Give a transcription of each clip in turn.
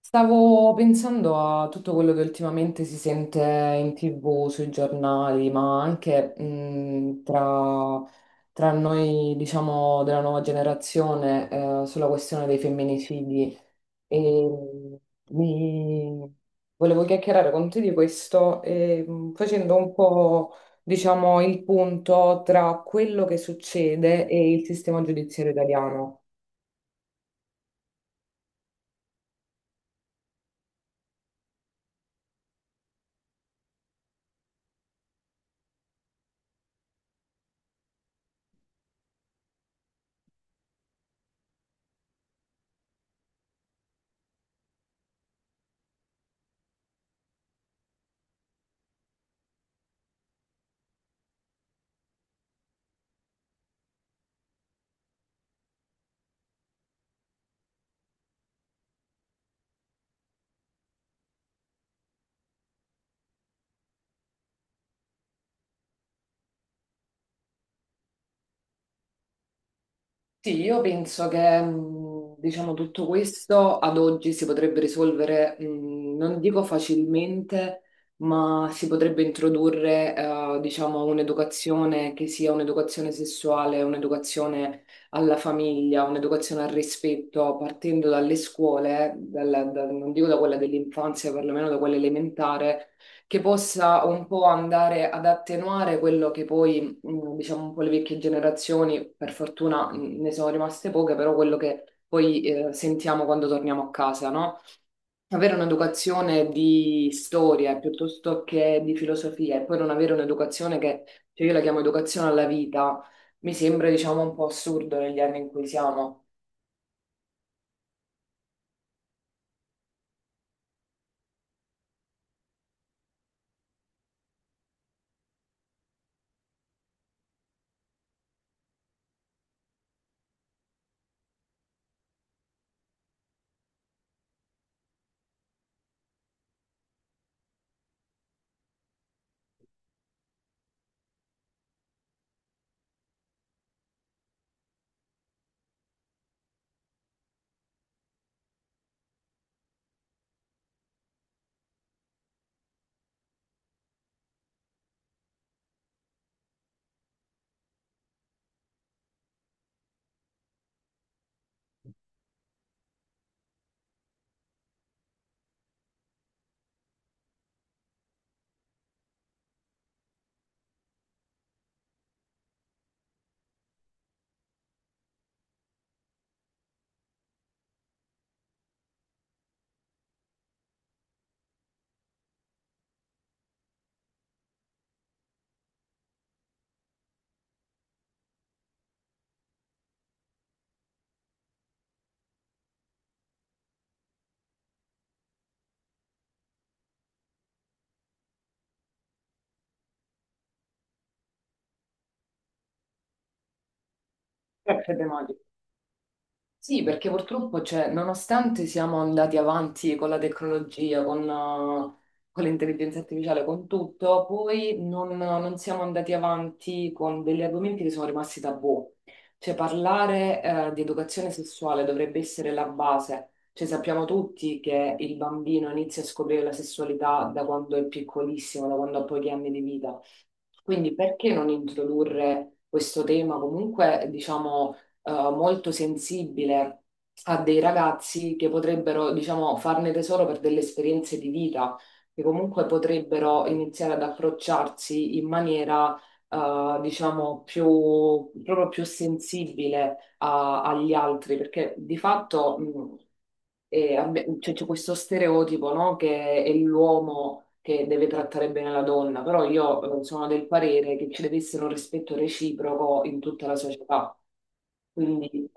Stavo pensando a tutto quello che ultimamente si sente in TV, sui giornali, ma anche tra noi, diciamo, della nuova generazione, sulla questione dei femminicidi. E mi... Volevo chiacchierare con te di questo, e, facendo un po', diciamo, il punto tra quello che succede e il sistema giudiziario italiano. Sì, io penso che diciamo, tutto questo ad oggi si potrebbe risolvere, non dico facilmente, ma si potrebbe introdurre diciamo, un'educazione che sia un'educazione sessuale, un'educazione alla famiglia, un'educazione al rispetto, partendo dalle scuole, non dico da quella dell'infanzia, perlomeno da quella elementare, che possa un po' andare ad attenuare quello che poi diciamo un po' le vecchie generazioni, per fortuna ne sono rimaste poche, però quello che poi sentiamo quando torniamo a casa, no? Avere un'educazione di storia piuttosto che di filosofia e poi non avere un'educazione che, cioè io la chiamo educazione alla vita, mi sembra, diciamo, un po' assurdo negli anni in cui siamo. Certo. Sì, perché purtroppo, cioè, nonostante siamo andati avanti con la tecnologia, con l'intelligenza artificiale, con tutto, poi non siamo andati avanti con degli argomenti che sono rimasti tabù. Cioè, parlare, di educazione sessuale dovrebbe essere la base. Cioè, sappiamo tutti che il bambino inizia a scoprire la sessualità da quando è piccolissimo, da quando ha pochi anni di vita. Quindi perché non introdurre questo tema comunque, diciamo molto sensibile a dei ragazzi che potrebbero, diciamo, farne tesoro per delle esperienze di vita, che comunque potrebbero iniziare ad approcciarsi in maniera, diciamo, più, proprio più sensibile agli altri, perché di fatto... cioè, c'è questo stereotipo, no? Che è l'uomo che deve trattare bene la donna, però io sono del parere che ci deve essere un rispetto reciproco in tutta la società. Quindi eh,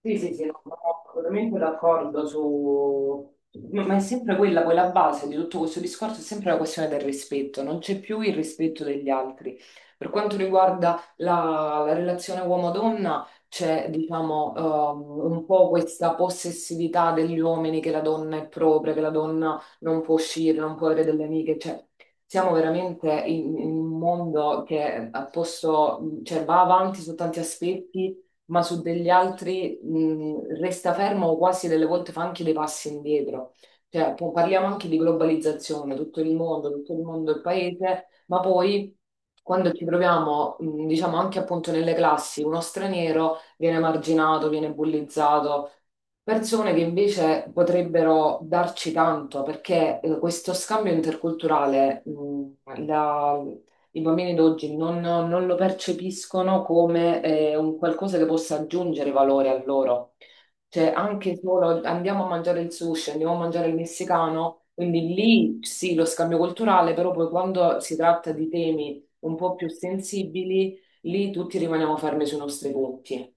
sì, sì, sì, no, sono assolutamente d'accordo su... Ma è sempre quella, poi la base di tutto questo discorso è sempre la questione del rispetto, non c'è più il rispetto degli altri. Per quanto riguarda la relazione uomo-donna, c'è, diciamo, un po' questa possessività degli uomini che la donna è propria, che la donna non può uscire, non può avere delle amiche, cioè siamo veramente in un mondo che ha posto, cioè, va avanti su tanti aspetti ma su degli altri resta fermo o quasi delle volte fa anche dei passi indietro. Cioè, parliamo anche di globalizzazione, tutto il mondo è il paese, ma poi quando ci troviamo, diciamo anche appunto nelle classi, uno straniero viene marginato, viene bullizzato. Persone che invece potrebbero darci tanto, perché questo scambio interculturale, la- i bambini d'oggi non lo percepiscono come un qualcosa che possa aggiungere valore a loro. Cioè, anche solo andiamo a mangiare il sushi, andiamo a mangiare il messicano, quindi lì sì, lo scambio culturale, però poi quando si tratta di temi un po' più sensibili, lì tutti rimaniamo fermi sui nostri punti.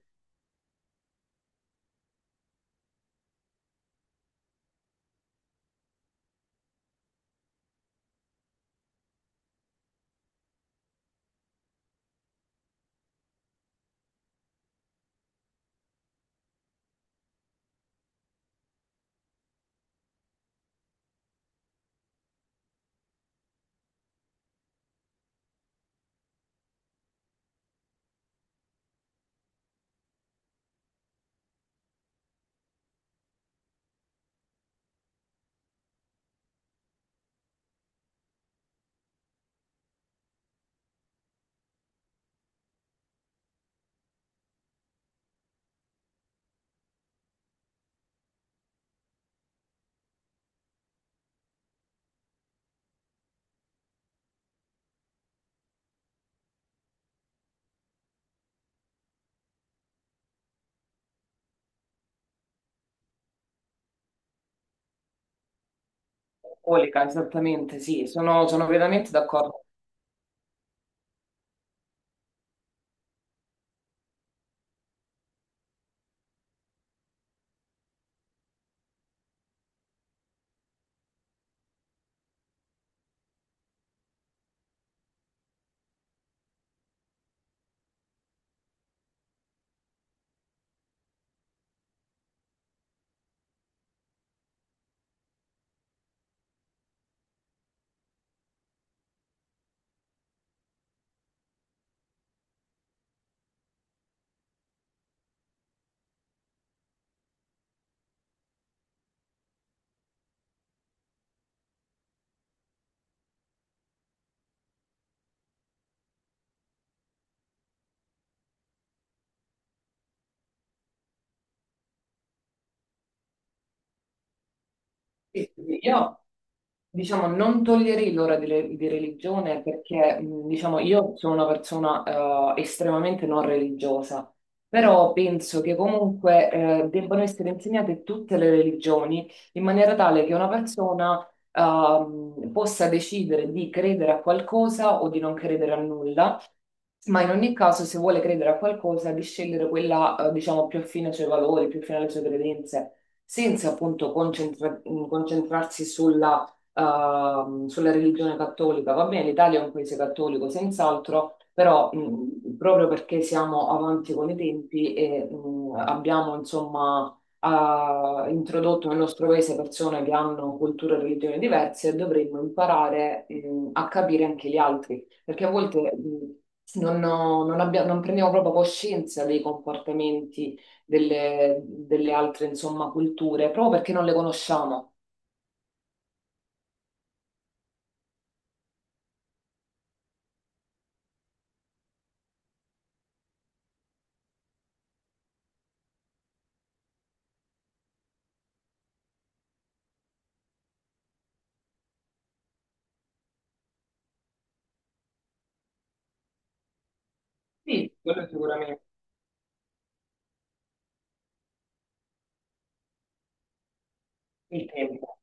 Colica, esattamente, sì, sono, sono veramente d'accordo. Sì, io, diciamo, non toglierei l'ora di, di religione perché, diciamo, io sono una persona estremamente non religiosa, però penso che comunque debbano essere insegnate tutte le religioni in maniera tale che una persona possa decidere di credere a qualcosa o di non credere a nulla. Ma in ogni caso, se vuole credere a qualcosa, di scegliere quella, diciamo, più affine ai suoi valori, più affine alle sue credenze senza appunto concentrarsi sulla, sulla religione cattolica. Va bene, l'Italia è un paese cattolico, senz'altro, però proprio perché siamo avanti con i tempi e abbiamo insomma ha introdotto nel nostro paese persone che hanno culture e religioni diverse, dovremmo imparare, a capire anche gli altri, perché a volte, non prendiamo proprio coscienza dei comportamenti delle altre, insomma, culture, proprio perché non le conosciamo. Sì, quello sicuramente, il tempo.